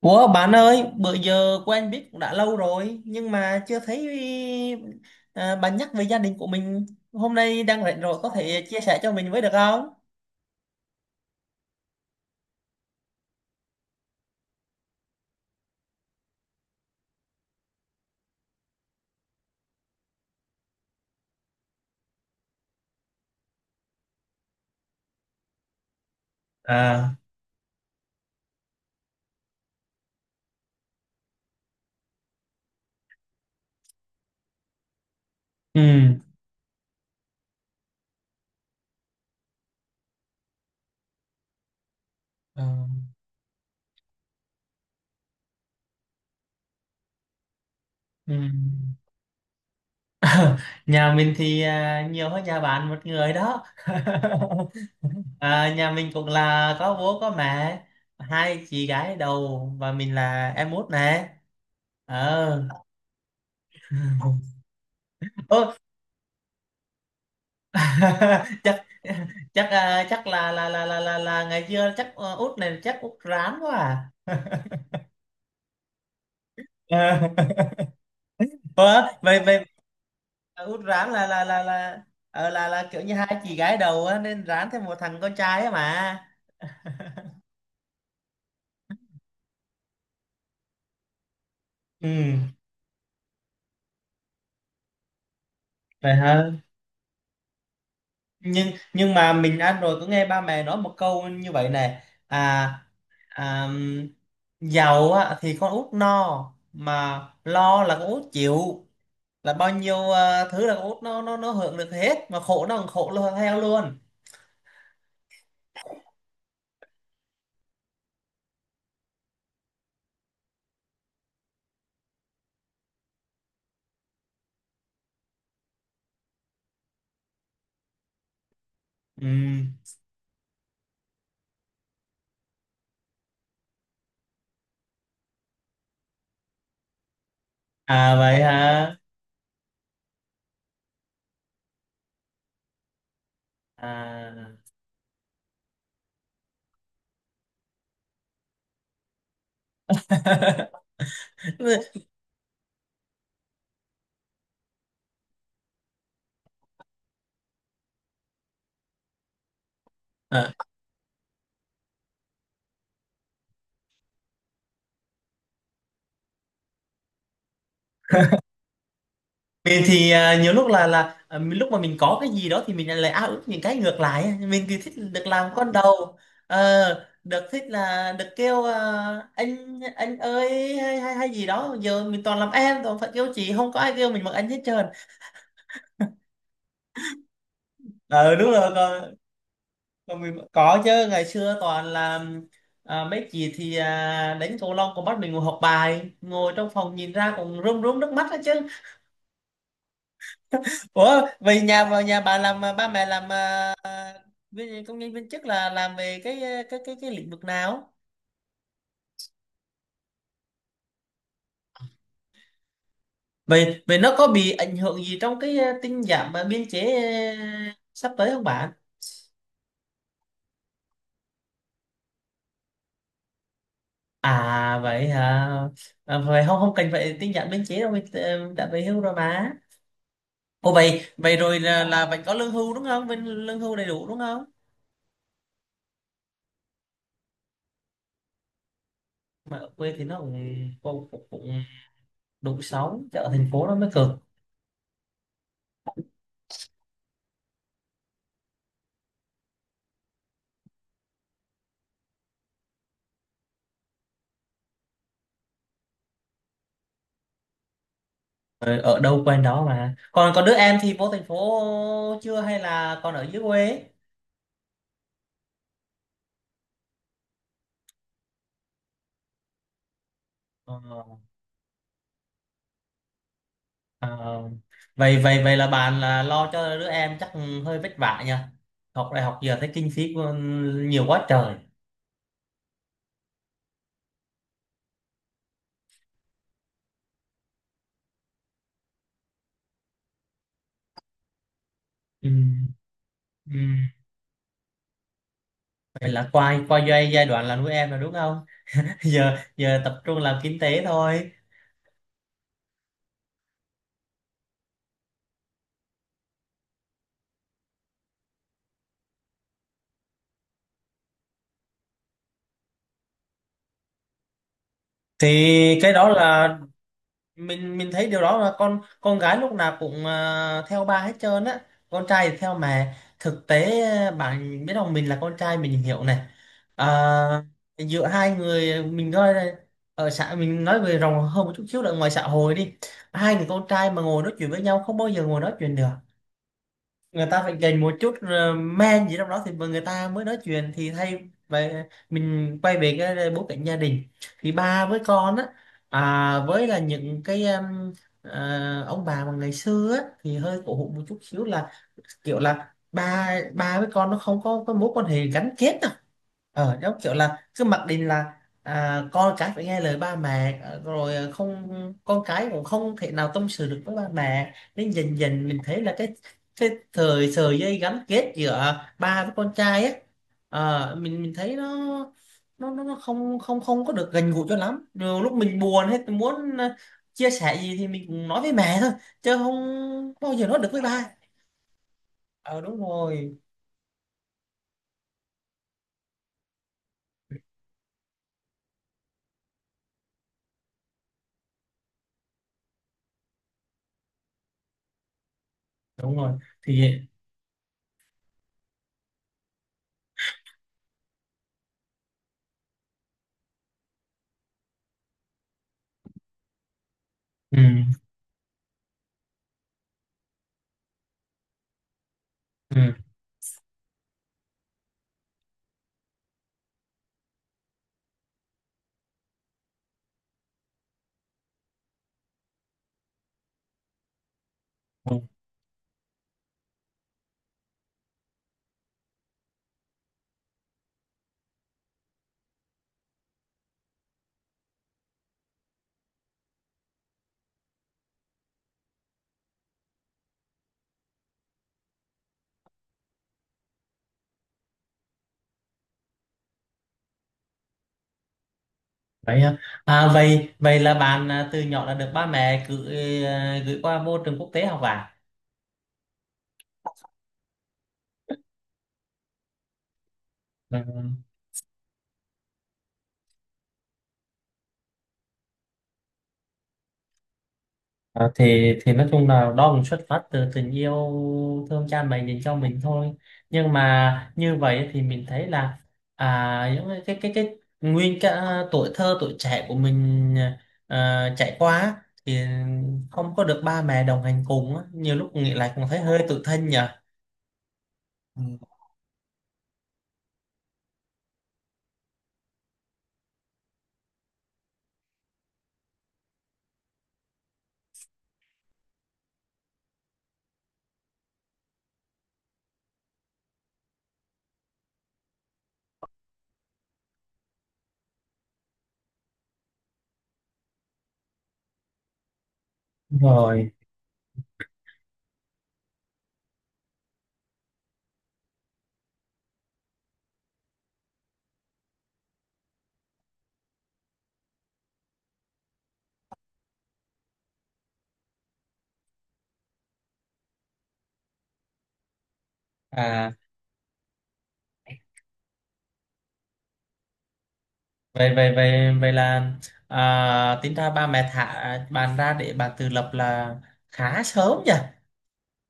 Ủa bạn ơi, bữa giờ quen biết cũng đã lâu rồi nhưng mà chưa thấy bạn nhắc về gia đình của mình. Hôm nay đang rảnh rồi có thể chia sẻ cho mình với được không? À, ừ, ờ, ừ. Nhà mình thì nhiều hơn nhà bạn một người đó. Nhà mình cũng là có bố có mẹ, hai chị gái đầu và mình là em út nè. Ờ. Ô, chắc chắc à, chắc là ngày xưa chắc út này chắc út rán quá à. Ờ, vậy vậy út rán là ờ, là kiểu như hai chị gái đầu á, nên rán thêm một thằng con trai á mà. Ừ, vậy hả? Nhưng nhưng mà mình ăn rồi có nghe ba mẹ nói một câu như vậy này. à, à Giàu á, thì con út no mà lo là con út chịu, là bao nhiêu thứ là con út nó hưởng được hết mà khổ nó còn khổ luôn theo luôn. Ừ. À, vậy hả? À. Ờ. Mình thì nhiều lúc lúc mà mình có cái gì đó thì mình lại ao ước những cái ngược lại á. Mình thì thích được làm con đầu. Ờ, được thích là được kêu anh ơi hay hay hay gì đó. Giờ mình toàn làm em toàn phải kêu chị không có ai kêu mình bằng anh hết trơn. Ờ, đúng rồi. Còn mình có chứ, ngày xưa toàn là mấy chị thì đánh cầu lông còn bắt mình ngồi học bài ngồi trong phòng nhìn ra còn rơm rớm nước mắt đó chứ. Ủa vậy nhà vào nhà bà làm, ba mẹ làm, công nhân viên chức là làm về cái cái lĩnh vực nào? Vậy vậy nó có bị ảnh hưởng gì trong cái tinh giảm biên chế sắp tới không bạn? À, vậy hả? Vậy không không cần phải tinh giảm biên chế đâu, mình đã về hưu rồi mà. Ồ, vậy vậy rồi là vẫn có lương hưu đúng không? Bên lương hưu đầy đủ đúng không? Mà ở quê thì nó cũng đủ sống chứ ở thành phố nó mới cực. Ờ, ở đâu quen đó mà. Còn còn đứa em thì vô thành phố chưa hay là còn ở dưới quê? Ờ, à, vậy vậy vậy là bạn là lo cho đứa em chắc hơi vất vả nhỉ. Học đại học giờ thấy kinh phí nhiều quá trời. Ừ. Ừ. Vậy là qua qua giai giai đoạn là nuôi em rồi đúng không? Giờ giờ tập trung làm kinh tế thôi. Thì cái đó là, mình thấy điều đó là con gái lúc nào cũng theo ba hết trơn á. Con trai thì theo mẹ, thực tế bạn biết không, mình là con trai mình hiểu này. À, giữa hai người mình coi này, ở xã mình nói về rộng hơn một chút xíu là ngoài xã hội đi. Hai người con trai mà ngồi nói chuyện với nhau không bao giờ ngồi nói chuyện được. Người ta phải dành một chút men gì trong đó thì người ta mới nói chuyện thì thay vậy. Mình quay về cái bối cảnh gia đình thì ba với con á, với là những cái em, ông bà mà ngày xưa á, thì hơi cổ hủ một chút xíu là kiểu là ba ba với con nó không có cái mối quan hệ gắn kết đâu. Giống kiểu là cứ mặc định là con cái phải nghe lời ba mẹ, rồi không con cái cũng không thể nào tâm sự được với ba mẹ, nên dần dần mình thấy là cái thời sợi dây gắn kết giữa ba với con trai ấy, mình thấy nó không không không có được gần gũi cho lắm. Nhiều lúc mình buồn hết mình muốn chia sẻ gì thì mình cũng nói với mẹ thôi chứ không bao giờ nói được với ba. Ờ, đúng rồi, đúng rồi thì ừ, ừ, ừ. Vậy hả? Vậy vậy là bạn, từ nhỏ đã được ba mẹ gửi qua môi trường quốc tế học à? Ừ. À, thì nói chung là đó cũng xuất phát từ tình yêu thương cha mẹ dành cho mình thôi, nhưng mà như vậy thì mình thấy là những cái nguyên cả tuổi thơ tuổi trẻ của mình chạy qua á, thì không có được ba mẹ đồng hành cùng á. Nhiều lúc nghĩ lại cũng thấy hơi tủi thân nhỉ. Ừ. Rồi, à vậy vậy vậy vậy là tính ra ba mẹ thả bạn ra để bạn tự lập là khá sớm nhỉ.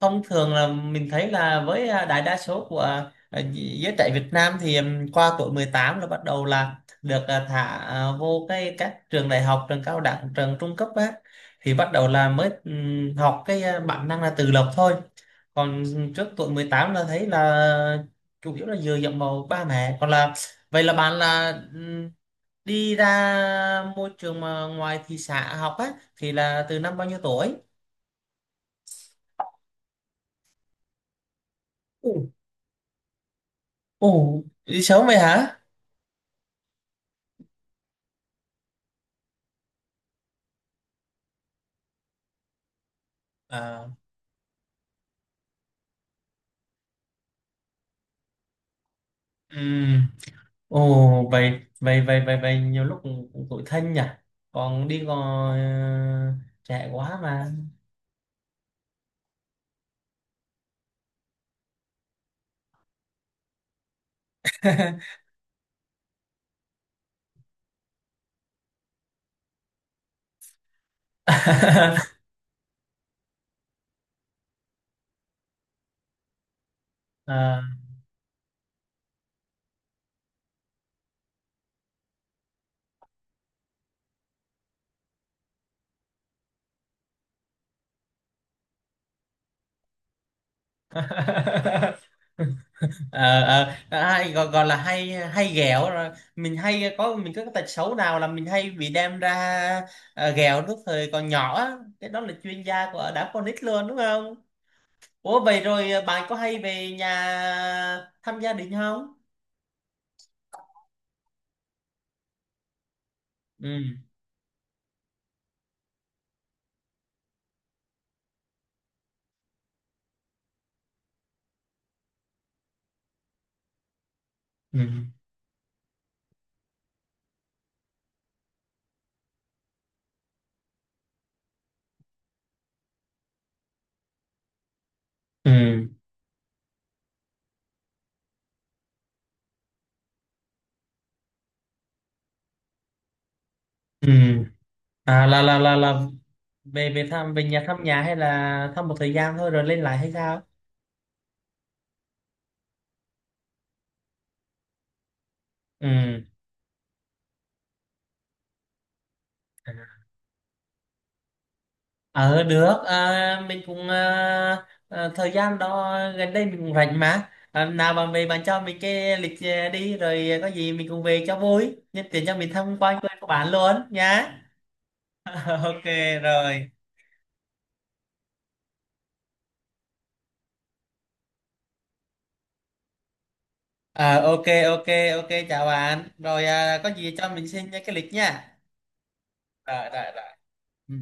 Thông thường là mình thấy là với đại đa số của giới trẻ Việt Nam thì qua tuổi 18 là bắt đầu là được thả vô cái các trường đại học, trường cao đẳng, trường trung cấp á, thì bắt đầu là mới học cái bản năng là tự lập thôi. Còn trước tuổi 18 là thấy là chủ yếu là dựa dẫm vào ba mẹ. Còn là vậy là bạn là, đi ra môi trường mà ngoài thị xã học á thì là từ năm bao nhiêu tuổi? Ồ, Ồ, đi sớm vậy hả? À, ừm. Ồ, vậy, nhiều lúc cũng cũng tủi thân nhỉ. Còn đi còn trẻ quá mà. À. Ờ, hay gọi là hay hay ghẹo rồi mình có cái tật xấu nào là mình hay bị đem ra ghẹo lúc thời còn nhỏ á. Cái đó là chuyên gia của đám con nít luôn đúng không? Ủa vậy rồi bạn có hay về nhà thăm gia đình không? Ừ, ừ, ừ. Ừ. À, là về về thăm về nhà thăm nhà hay là thăm một thời gian thôi rồi lên lại hay sao? Ừ. Ờ được, mình cũng thời gian đó gần đây mình cũng rảnh mà, nào bạn về bạn cho mình cái lịch, đi rồi có gì mình cùng về cho vui nhân tiện cho mình tham quan quê của bạn luôn nhá. Ok rồi. À, ok, ok, ok, chào bạn. Rồi, có gì cho mình xin cái lịch nha. Rồi rồi rồi. Ừ.